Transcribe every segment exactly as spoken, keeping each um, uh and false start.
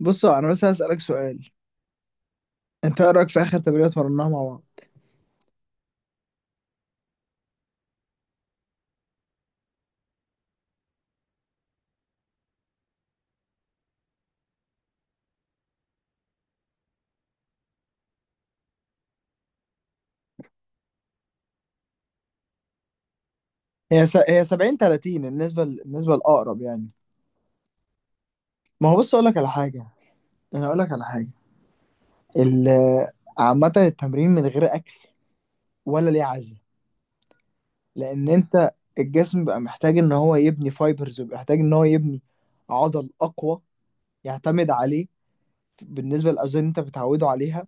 بصوا، انا بس هسألك سؤال. انت ايه رأيك في اخر تمرينة اتمرناها مع بعض؟ هي س... هي سبعين ثلاثين، النسبة ال- النسبة الاقرب يعني. ما هو بص اقول لك على حاجة. انا اقول لك على حاجة. ال... عامة التمرين من غير اكل ولا ليه عزة؟ لان انت الجسم بقى محتاج ان هو يبني فايبرز، وبقى محتاج ان هو يبني عضل اقوى يعتمد عليه بالنسبة للاوزان اللي انت بتعوده عليها.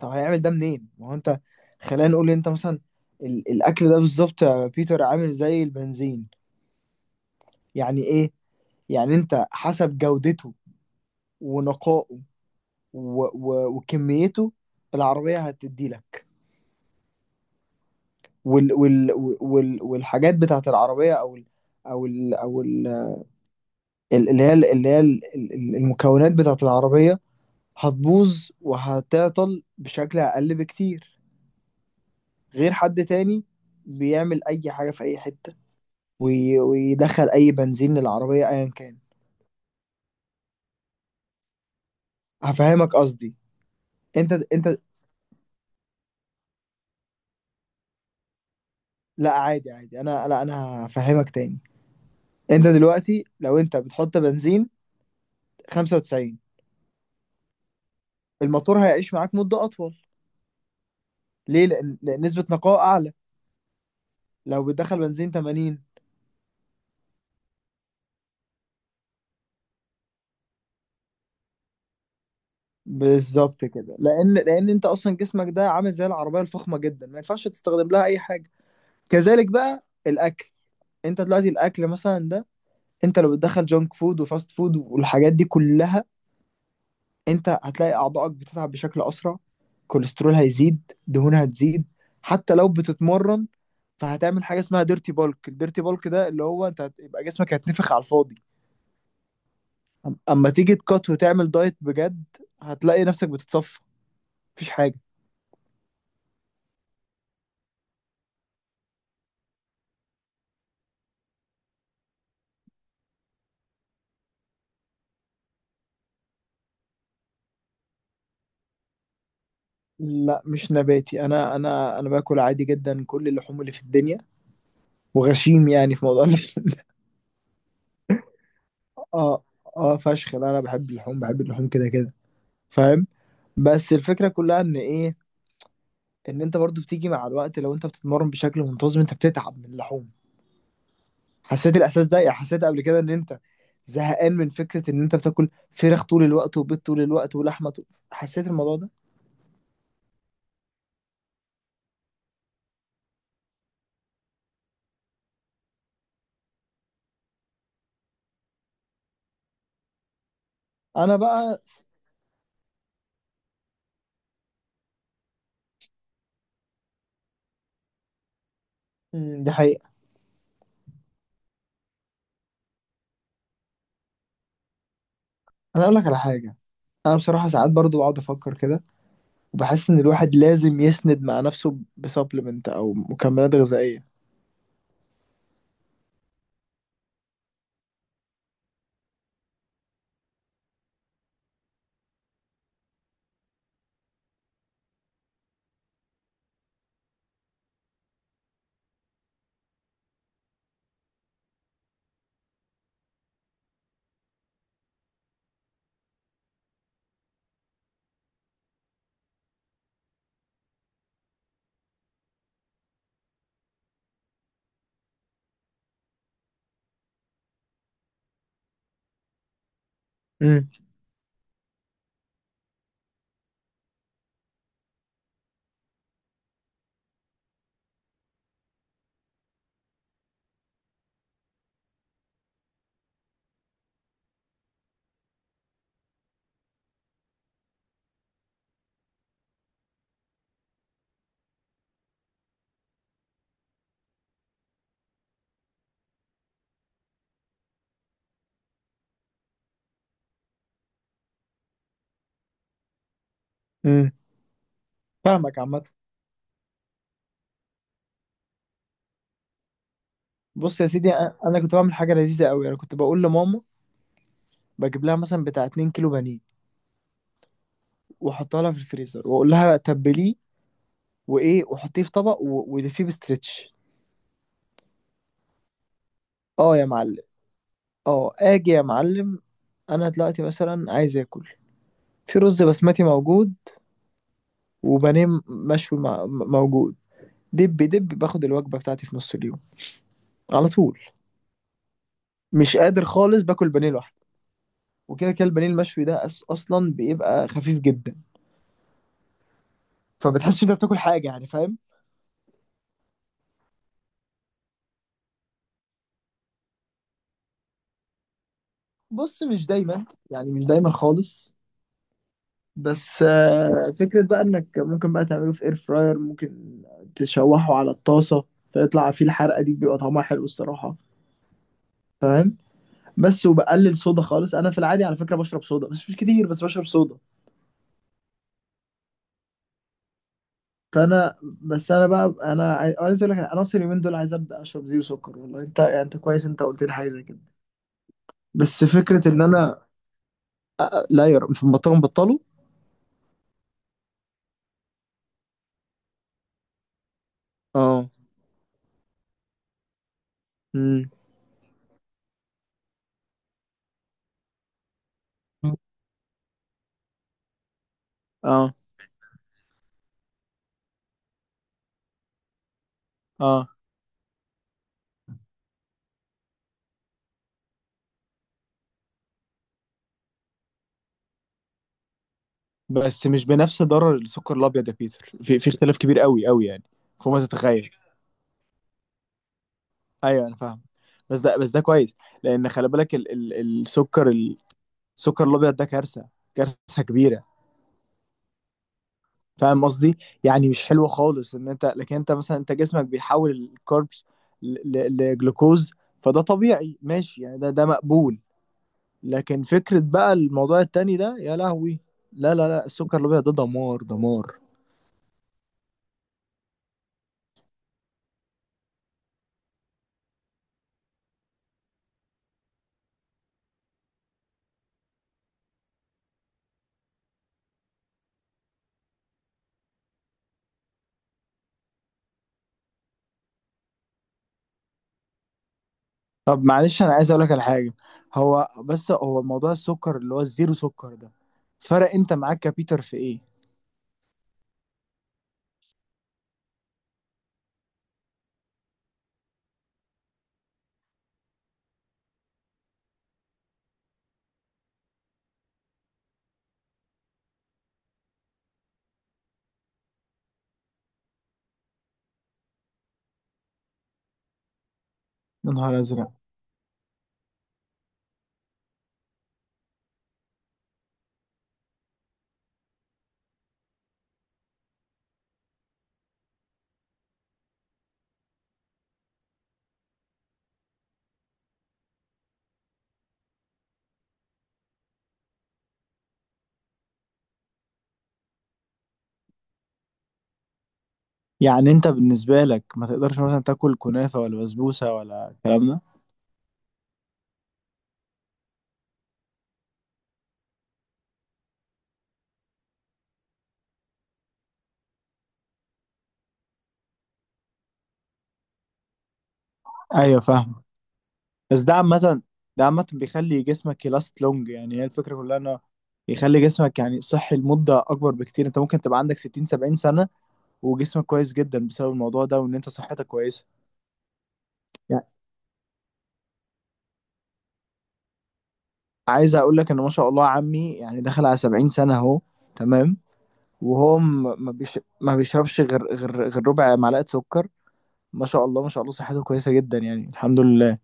طب هيعمل ده منين؟ ما هو انت خلينا نقول انت مثلا ال... الاكل ده بالظبط يا بيتر عامل زي البنزين. يعني ايه؟ يعني انت حسب جودته ونقائه و... و... وكميته، العربية هتدي لك، وال... وال... وال... والحاجات بتاعت العربية، او ال... او ال... او ال... اللي هي اللي هي ال- ال- المكونات بتاعت العربية، هتبوظ وهتعطل بشكل اقل بكتير غير حد تاني بيعمل اي حاجة في اي حتة وي... ويدخل اي بنزين للعربية ايا كان. هفهمك قصدي. انت انت لا، عادي عادي. انا، لا، انا هفهمك تاني. انت دلوقتي لو انت بتحط بنزين خمسة وتسعين، الموتور هيعيش معاك مدة اطول. ليه؟ لان, لأن نسبة نقاء اعلى. لو بتدخل بنزين تمانين بالظبط كده، لان لان انت اصلا جسمك ده عامل زي العربية الفخمة جدا، ما ينفعش تستخدم لها اي حاجة. كذلك بقى الاكل. انت دلوقتي الاكل مثلا ده، انت لو بتدخل جونك فود وفاست فود والحاجات دي كلها، انت هتلاقي اعضائك بتتعب بشكل اسرع، كوليسترول هيزيد، دهون هتزيد، حتى لو بتتمرن. فهتعمل حاجه اسمها ديرتي بالك. الديرتي بالك ده اللي هو انت هتبقى جسمك هيتنفخ على الفاضي. أم- اما تيجي تكات وتعمل دايت بجد، هتلاقي نفسك بتتصفى، مفيش حاجه. لا، مش نباتي، انا انا انا باكل عادي جدا كل اللحوم اللي في الدنيا، وغشيم يعني في موضوع اللحوم. اه. اه فشخ. لا، انا بحب اللحوم، بحب اللحوم كده كده، فاهم؟ بس الفكره كلها ان ايه؟ ان انت برضو بتيجي مع الوقت، لو انت بتتمرن بشكل منتظم انت بتتعب من اللحوم. حسيت الاحساس ده؟ يعني حسيت قبل كده ان انت زهقان من فكرة ان انت بتاكل فراخ طول الوقت، وبيض طول الوقت، ولحمة طول... حسيت الموضوع ده؟ انا بقى، مم، دي حقيقة. انا اقول لك على حاجة. انا بصراحة ساعات برضو بقعد افكر كده، وبحس ان الواحد لازم يسند مع نفسه بسبلمنت او مكملات غذائية. امم امم فاهمك عامة. بص يا سيدي، أ- انا كنت بعمل حاجة لذيذة قوي. انا كنت بقول لماما بجيب لها مثلا بتاع 2 كيلو بانيه، واحطها لها في الفريزر، واقول لها تبليه، وايه، وحطيه في طبق، و- ودفيه بستريتش. اه يا معلم. اه اجي يا معلم. انا دلوقتي مثلا عايز اكل، في رز بسمتي موجود، وبانيه م- مشوي مع- م- موجود. دب دب باخد الوجبه بتاعتي في نص اليوم على طول. مش قادر خالص باكل بانيه لوحده. وكده كده البانيه المشوي ده أس- اصلا بيبقى خفيف جدا، فبتحسش انت بتاكل حاجه يعني، فاهم؟ بص، مش دايما، يعني مش دايما خالص. بس آه، فكرة بقى انك ممكن بقى تعمله في اير فراير، ممكن تشوحه على الطاسة، فيطلع فيه الحرقة دي، بيبقى طعمها حلو الصراحة، فاهم؟ بس وبقلل صودا خالص. انا في العادي على فكرة بشرب صودا، بس مش كتير، بس بشرب صودا. فانا، بس انا بقى انا، عاي- أنا عايز اقول لك انا اصلا اليومين دول عايز ابدا اشرب زيرو سكر. والله انت يعني انت كويس، انت قلت لي حاجة زي كده. بس فكرة ان انا، أ- أ- لا يا رب في البطال بطلوا. اه. امم. اه. اه، بس مش بنفس ضرر السكر الابيض يا بيتر، في في اختلاف كبير قوي قوي يعني، فوق ما تتخيل. ايوه انا فاهم، بس ده بس ده كويس. لان خلي بالك ال ال السكر ال- السكر الابيض ده كارثه، كارثه كبيره، فاهم قصدي؟ يعني مش حلوه خالص ان انت، لكن انت مثلا انت جسمك بيحول الكاربس ل- ل- لجلوكوز، فده طبيعي ماشي يعني، ده ده مقبول. لكن فكره بقى الموضوع التاني ده، يا لهوي، لا، لا، لا، السكر الابيض ده دمار دمار. طب معلش، انا عايز اقول لك على حاجه. هو بس هو موضوع السكر اللي هو الزيرو سكر ده، فرق انت معاك كبيتر في ايه؟ يا نهار ازرق. يعني انت بالنسبه لك ما تقدرش مثلا تاكل كنافه ولا بسبوسه ولا الكلام ده؟ ايوه فاهم. بس ده عامه، ده عامه بيخلي جسمك يلاست لونج. يعني هي الفكره كلها انه يخلي جسمك يعني صحي لمده اكبر بكتير. انت ممكن تبقى عندك ستين سبعين سنه وجسمك كويس جدا بسبب الموضوع ده، وان انت صحتك كويسه يعني. عايز اقول لك ان ما شاء الله عمي يعني دخل على سبعين سنه اهو، تمام، وهو م- ما بيش... ما بيشربش غير غير غير ربع معلقة سكر. ما شاء الله ما شاء الله، صحته كويسة جدا يعني، الحمد لله.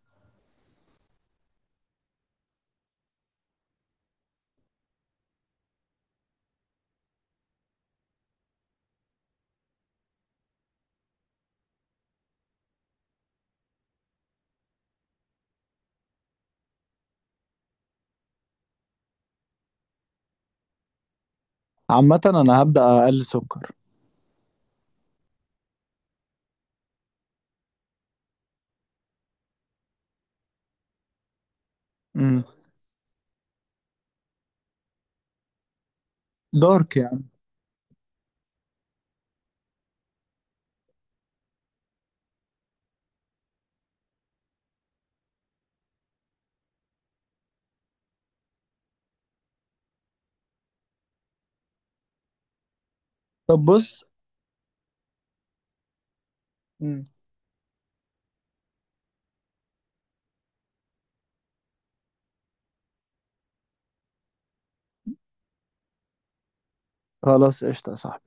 عامة انا هبدأ اقلل سكر. امم، دارك يعني؟ طب بص. مم. خلاص قشطة يا صاحبي.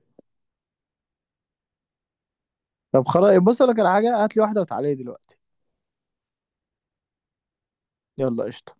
طب خلاص بص، أقول لك على حاجة، هات لي واحدة وتعالي لي دلوقتي. يلا قشطة.